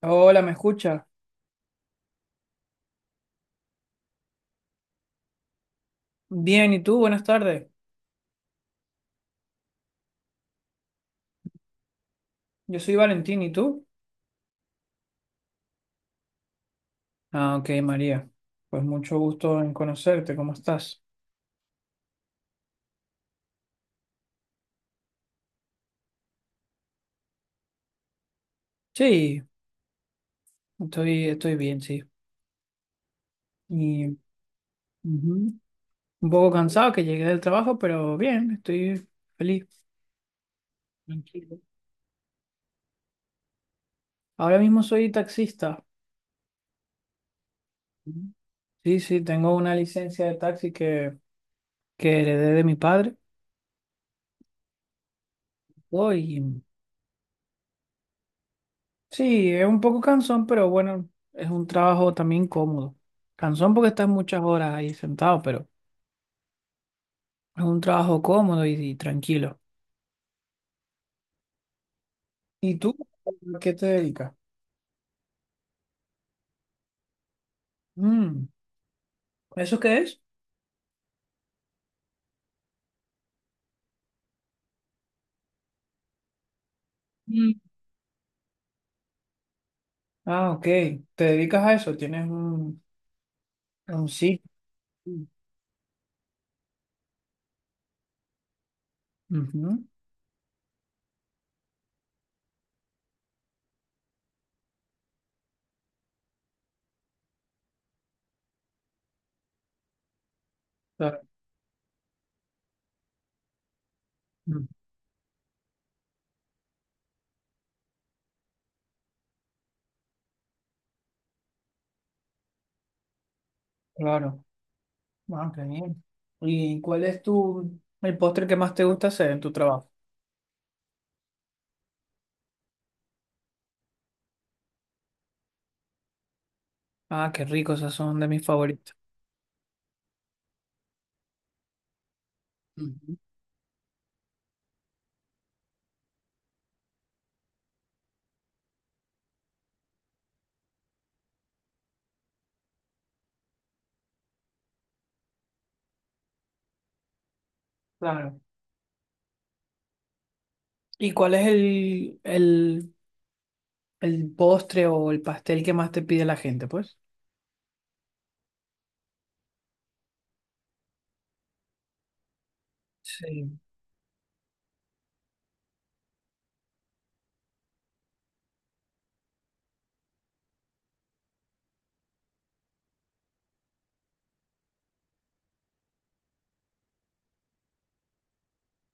Hola, ¿me escucha? Bien, ¿y tú? Buenas tardes. Yo soy Valentín, ¿y tú? Ah, ok, María. Pues mucho gusto en conocerte, ¿cómo estás? Sí, estoy bien, sí. Y ujú, un poco cansado que llegué del trabajo, pero bien, estoy feliz. Tranquilo. Ahora mismo soy taxista. Ujú. Sí, sí, tengo una licencia de taxi que heredé de mi padre. Voy. Sí, es un poco cansón, pero bueno, es un trabajo también cómodo. Cansón porque estás muchas horas ahí sentado, pero es un trabajo cómodo y tranquilo. ¿Y tú a qué te dedicas? Mm, ¿eso qué es? Mm. Ah, ok. ¿Te dedicas a eso? ¿Tienes un sitio? Ujú. Claro. Mm, claro. Ah, qué bien. ¿Y cuál es tu el postre que más te gusta hacer en tu trabajo? Ah, qué rico, esas son de mis favoritos. Ujú. Claro. ¿Y cuál es el el postre o el pastel que más te pide la gente, pues. Sí.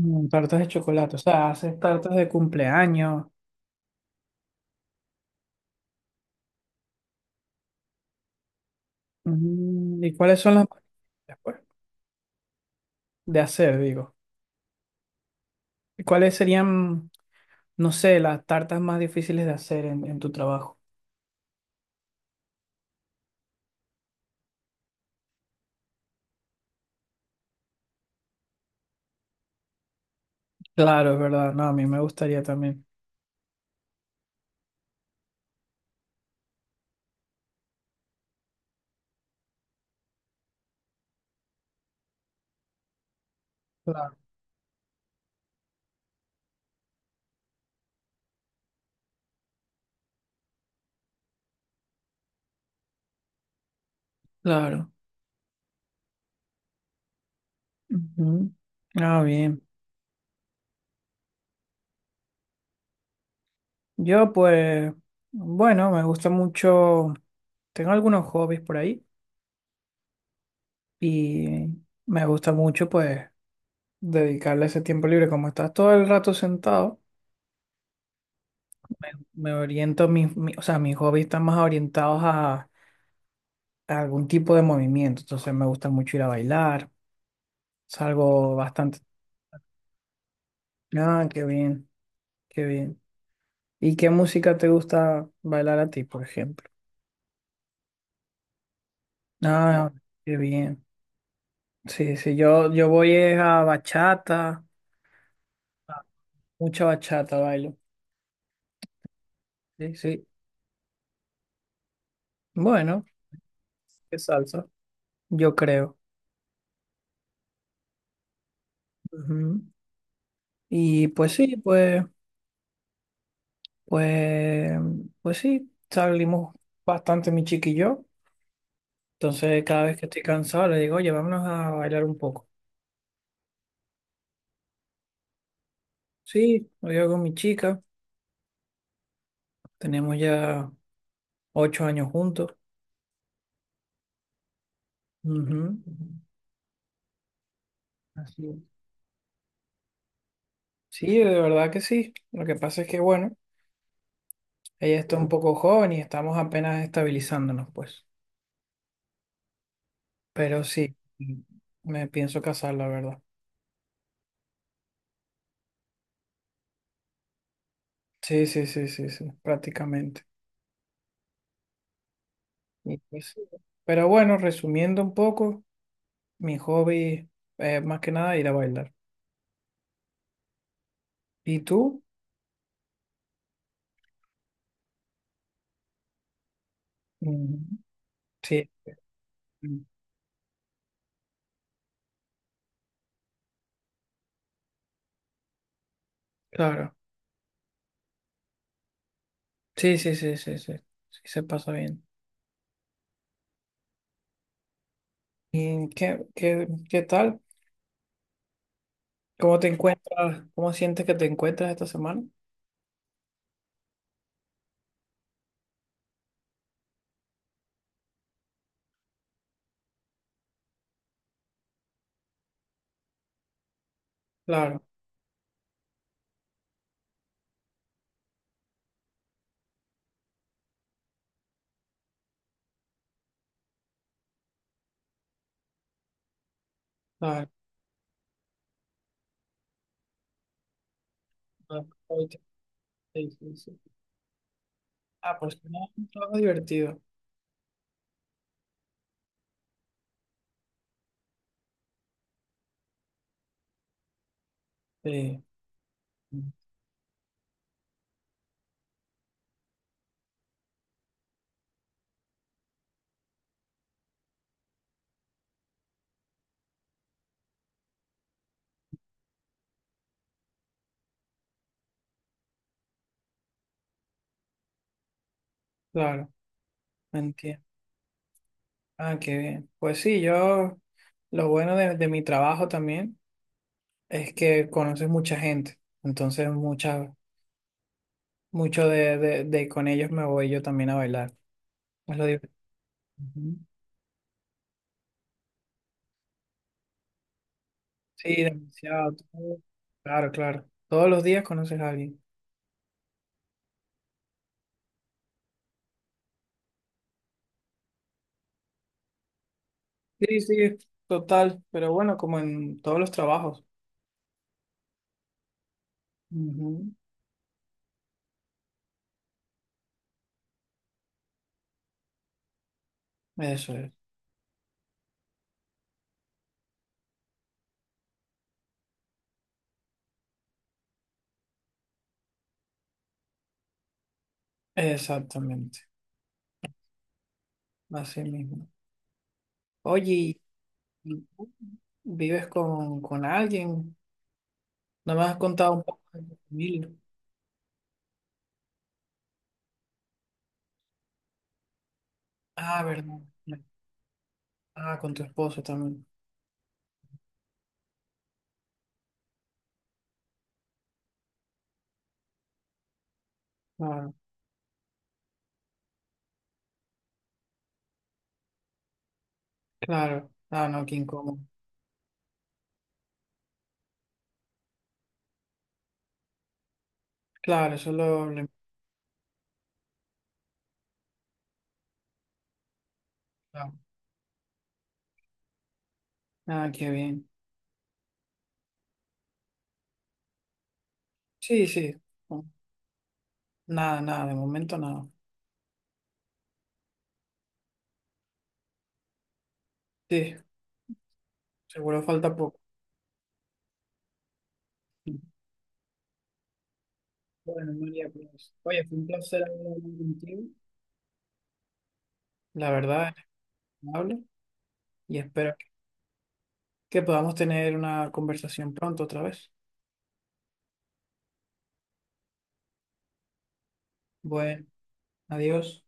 Mm, tartas de chocolate, o sea, haces tartas de cumpleaños. Mm, ¿y cuáles son las después de hacer, digo? ¿Y cuáles serían, no sé, las tartas más difíciles de hacer en tu trabajo? Claro, es verdad. No, a mí me gustaría también. Claro. Claro. Ujú. Ah, bien. Yo, pues, bueno, me gusta mucho. Tengo algunos hobbies por ahí y me gusta mucho, pues, dedicarle ese tiempo libre. Como estás todo el rato sentado, me oriento, mis, mi- o sea, mis hobbies están más orientados a algún tipo de movimiento. Entonces me gusta mucho ir a bailar, salgo bastante. Ah, qué bien, qué bien. ¿Y qué música te gusta bailar a ti, por ejemplo? Ah, qué bien. Sí, sí, yo voy es a bachata, a mucha bachata bailo. Sí, sí. Bueno, qué salsa, yo creo. Ujú. Y pues sí, pues. Pues, pues sí, salimos bastante mi chiqui y yo. Entonces, cada vez que estoy cansado, le digo, oye, vámonos a bailar un poco. Sí, lo digo con mi chica. Tenemos ya 8 años juntos. Ujú. Así es. Sí, de verdad que sí. Lo que pasa es que, bueno, ella está un poco joven y estamos apenas estabilizándonos, pues. Pero sí, me pienso casar, la verdad. Sí, sí, sí, sí, sí, prácticamente. Y pues sí. Pero bueno, resumiendo un poco. Mi hobby es más que nada ir a bailar. ¿Y tú? Mm. Sí, mm, claro. Sí, sí, sí, sí, sí. Sí, se pasa bien. ¿Y qué, qué, qué tal? ¿Cómo te encuentras? ¿Cómo sientes que te encuentras esta semana? Claro, claro. Claro. Hoy sí, sí, sí. Ah, pues no, es un trabajo divertido. Sí, mm, claro, entiendo. Ah, qué bien. Pues sí, yo, lo bueno de mi trabajo también es que conoces mucha gente. Entonces, muchas mucho de con ellos me voy yo también a bailar. Es lo divertido. Ujú. Sí, demasiado. Todo. Claro, claro. Todos los días conoces a alguien. Sí, sí, total. Pero bueno, como en todos los trabajos. Ujú. Eso es. Exactamente. Así mismo. Oye, y tú vives con alguien? No me has contado un poco de tu familia. Ah, verdad. Ah, con tu esposo también. Claro, claro. Ah, no, qué incómodo. Claro, eso lo... lo. Ah, qué bien. Sí, sí. No, nada, nada, de momento nada. Sí, seguro falta poco. Bueno, María, pues, oye, fue un placer haber hablado contigo. La verdad, es agradable y espero que podamos tener una conversación pronto otra vez. Bueno, adiós.